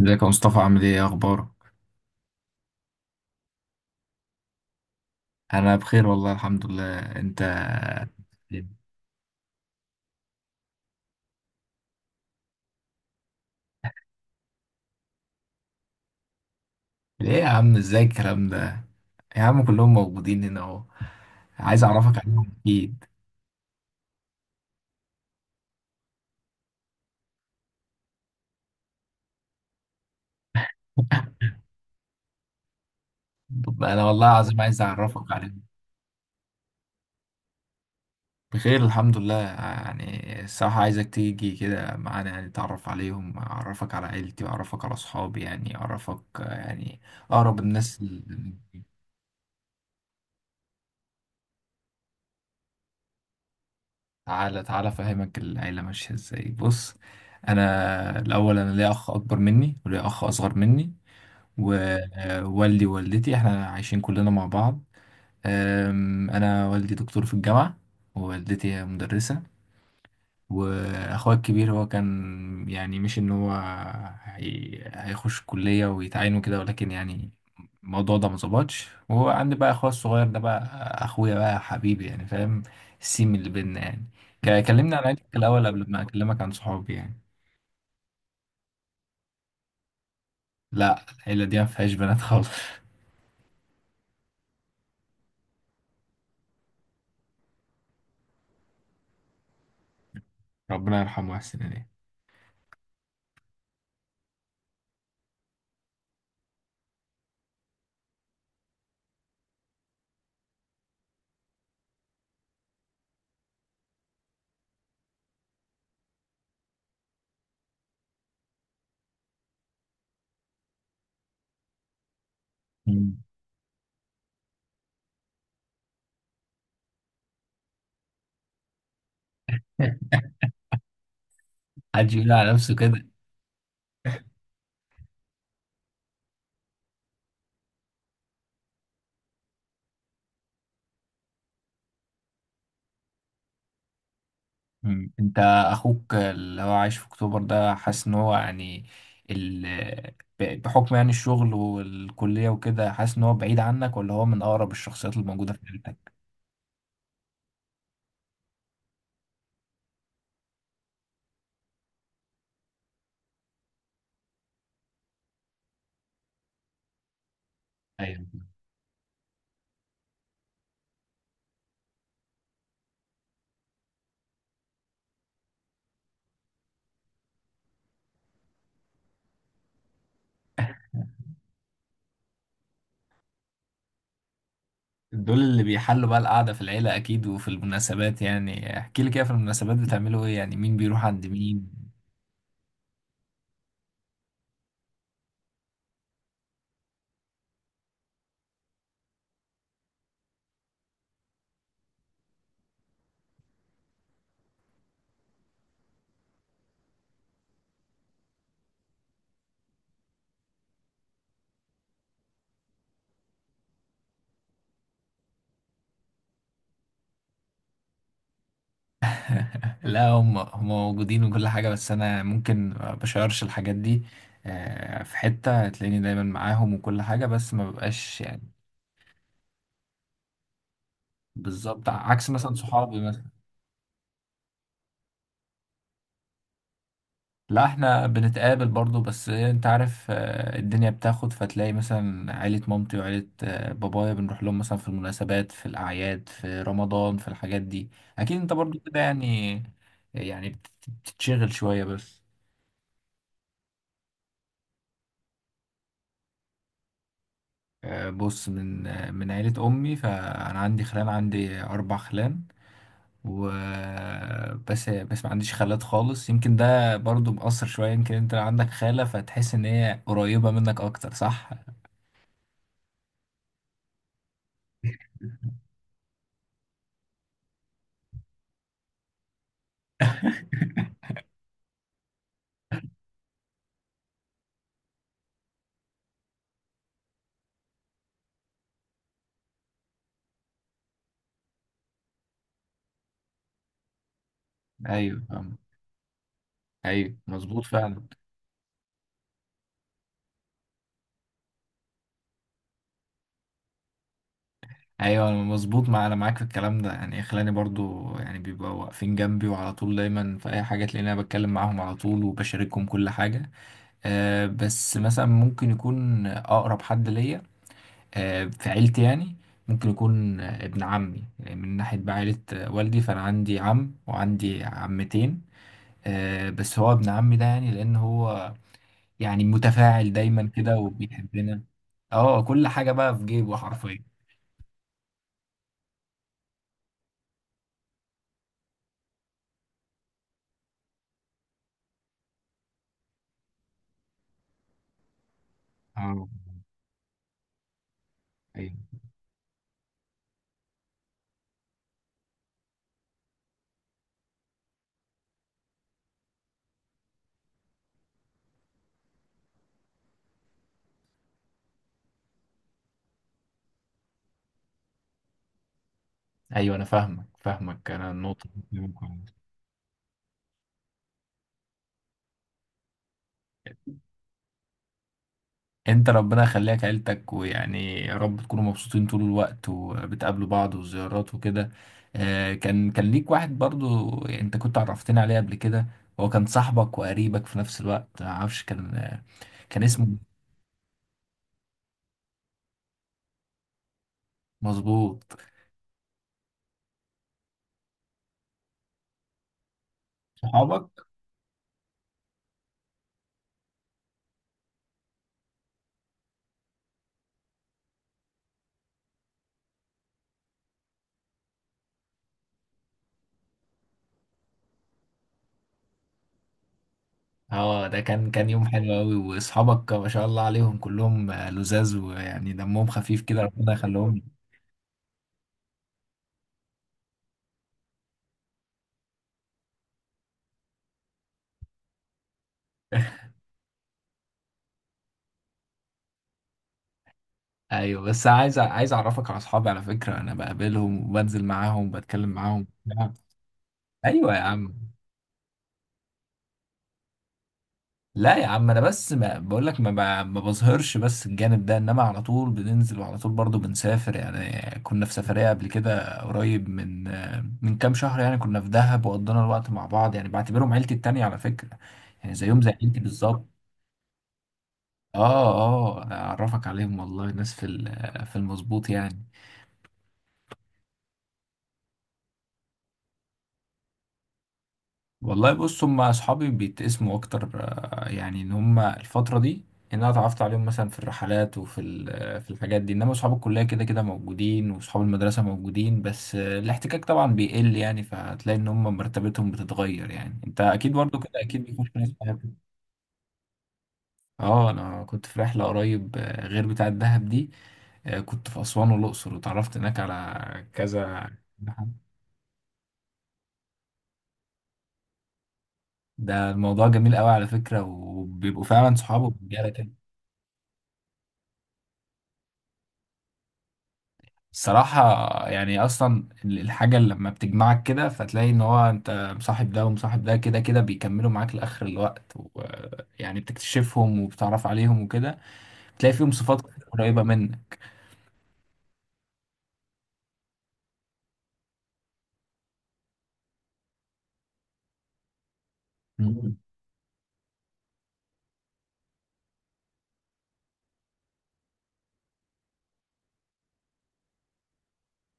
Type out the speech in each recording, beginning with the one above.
ازيك يا مصطفى؟ عامل ايه؟ ايه اخبارك؟ انا بخير والله الحمد لله. انت؟ ايه يا عم، ازاي الكلام ده؟ يا عم كلهم موجودين هنا اهو. عايز اعرفك عليهم اكيد. طب انا والله العظيم عايز اعرفك عليهم. بخير الحمد لله، يعني الصراحة عايزك تيجي كده معانا، يعني تعرف عليهم، اعرفك على عيلتي واعرفك على اصحابي، يعني اعرفك يعني اقرب الناس. تعالى تعالى افهمك العيله ماشيه ازاي، بص. انا الاول، انا ليا اخ اكبر مني وليا اخ اصغر مني. ووالدي ووالدتي احنا عايشين كلنا مع بعض. انا والدي دكتور في الجامعه. ووالدتي هي مدرسه. واخويا الكبير هو كان يعني، مش ان هو هيخش الكلية ويتعين وكده، ولكن يعني الموضوع ده مظبطش. وهو عندي بقى اخويا الصغير ده بقى. اخويا بقى حبيبي، يعني فاهم السيم اللي بينا يعني. كلمني عن عيلتك الاول قبل ما اكلمك عن صحابي يعني. لا العيلة دي ما فيهاش بنات خالص. ربنا يرحمه ويحسن اليه. مم. حد يقول على نفسه كده! مم. انت اخوك اللي هو عايش في اكتوبر ده، حاسس ان هو يعني ال... بحكم يعني الشغل والكلية وكده، حاسس ان هو بعيد عنك ولا هو من اقرب الشخصيات اللي موجودة في عيلتك؟ ايوه. دول اللي بيحلوا بقى القعدة في العيلة اكيد، وفي المناسبات يعني احكي لي كده، في المناسبات بتعملوا ايه يعني؟ مين بيروح عند مين؟ لا هم موجودين وكل حاجة، بس أنا ممكن ما بشيرش الحاجات دي. في حتة تلاقيني دايما معاهم وكل حاجة، بس ما ببقاش يعني. بالظبط عكس مثلا صحابي مثلا. لا احنا بنتقابل برضو، بس انت عارف الدنيا بتاخد، فتلاقي مثلا عيلة مامتي وعيلة بابايا بنروح لهم مثلا في المناسبات، في الأعياد، في رمضان، في الحاجات دي. أكيد انت برضو كده يعني. يعني بتتشغل شوية بس. بص من من عيلة أمي، فأنا عندي خلان، عندي أربع خلان و بس بس ما عنديش خالات خالص. يمكن ده برضو مأثر شوية. يمكن انت لو عندك خالة فتحس ان هي قريبة منك اكتر، صح؟ ايوه فاهم. ايوه مظبوط فعلا. ايوه انا مظبوط، انا معاك في الكلام ده يعني. خلاني برضو يعني بيبقوا واقفين جنبي وعلى طول دايما، في اي حاجه تلاقيني انا بتكلم معاهم على طول وبشاركهم كل حاجه. أه بس مثلا ممكن يكون اقرب حد ليا في عيلتي يعني، ممكن يكون ابن عمي. يعني من ناحية بقى عيلة والدي، فأنا عندي عم وعندي عمتين. بس هو ابن عمي ده يعني لأن هو يعني متفاعل دايما كده وبيحبنا. اه كل حاجة بقى في جيبه حرفيا. اه. ايوه. أيوة أنا فاهمك فاهمك، أنا النقطة دي. تمام، كويس. انت ربنا يخليك عيلتك، ويعني يا رب تكونوا مبسوطين طول الوقت وبتقابلوا بعض وزيارات وكده. كان ليك واحد برضو، انت كنت عرفتني عليه قبل كده. هو كان صاحبك وقريبك في نفس الوقت. معرفش كان اسمه... مظبوط. صحابك. اه ده كان يوم حلو قوي، واصحابك ما شاء الله عليهم كلهم لذاذ، ويعني دمهم خفيف كده، ربنا يخليهم. ايوه بس عايز اعرفك على اصحابي على فكرة، انا بقابلهم وبنزل معاهم وبتكلم معاهم. ايوه يا عم. لا يا عم انا بس، ما بقول لك ما بظهرش بس الجانب ده، انما على طول بننزل وعلى طول برضو بنسافر، يعني كنا في سفرية قبل كده قريب من كام شهر. يعني كنا في دهب وقضينا الوقت مع بعض، يعني بعتبرهم عيلتي التانية على فكرة، يعني زيهم زي عيلتي بالظبط. اه. اه اعرفك عليهم والله، ناس في المظبوط يعني. والله بص هم اصحابي بيتقسموا اكتر يعني ان هم الفتره دي ان انا اتعرفت عليهم مثلا في الرحلات وفي ال- آه، في الحاجات دي، انما اصحاب الكليه كده كده موجودين واصحاب المدرسه موجودين، بس الاحتكاك طبعا بيقل، يعني فهتلاقي ان هم مرتبتهم بتتغير يعني، انت اكيد برضو كده، اكيد بيكون في ناس صحابك. اه انا كنت في رحله قريب غير بتاعه دهب دي. كنت في اسوان والاقصر وتعرفت هناك على كذا. ده الموضوع جميل قوي على فكره، وبيبقوا فعلا صحابه رجاله كده. الصراحة. يعني أصلا الحاجة اللي لما بتجمعك كده فتلاقي إن هو أنت مصاحب ده ومصاحب ده، كده كده بيكملوا معاك لآخر الوقت، ويعني بتكتشفهم وبتعرف عليهم وكده، بتلاقي فيهم صفات قريبة منك. مم.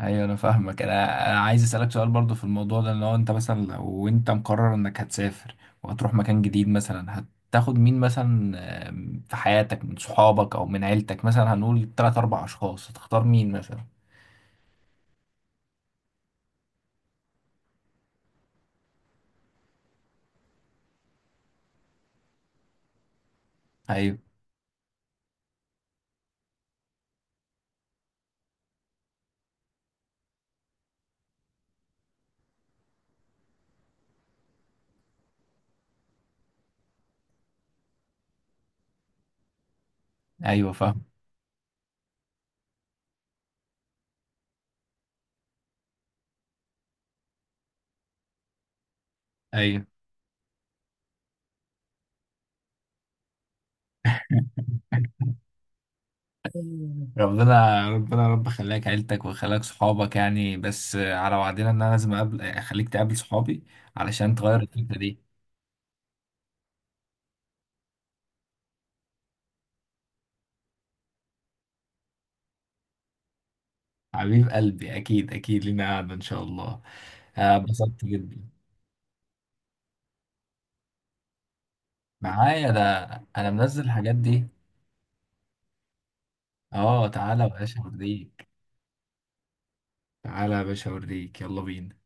أيوة أنا فاهمك. أنا عايز أسألك سؤال برضو في الموضوع ده، إن هو أنت مثلا لو أنت مقرر إنك هتسافر وهتروح مكان جديد مثلا، هتاخد مين مثلا في حياتك؟ من صحابك أو من عيلتك مثلا، هنقول تلات أربع أشخاص، هتختار مين مثلا؟ أيوة. أيوة فاهم. أيوة. ربنا ربنا رب خلاك عيلتك وخلاك صحابك يعني. بس على وعدنا، ان انا لازم اقابل، اخليك تقابل صحابي علشان تغير الفكرة دي. حبيب قلبي اكيد اكيد لينا قعدة ان شاء الله. اتبسطت جدا. معايا ده، انا منزل الحاجات دي. اه تعالى يا باشا اوريك. تعالى يا باشا اوريك، يلا بينا.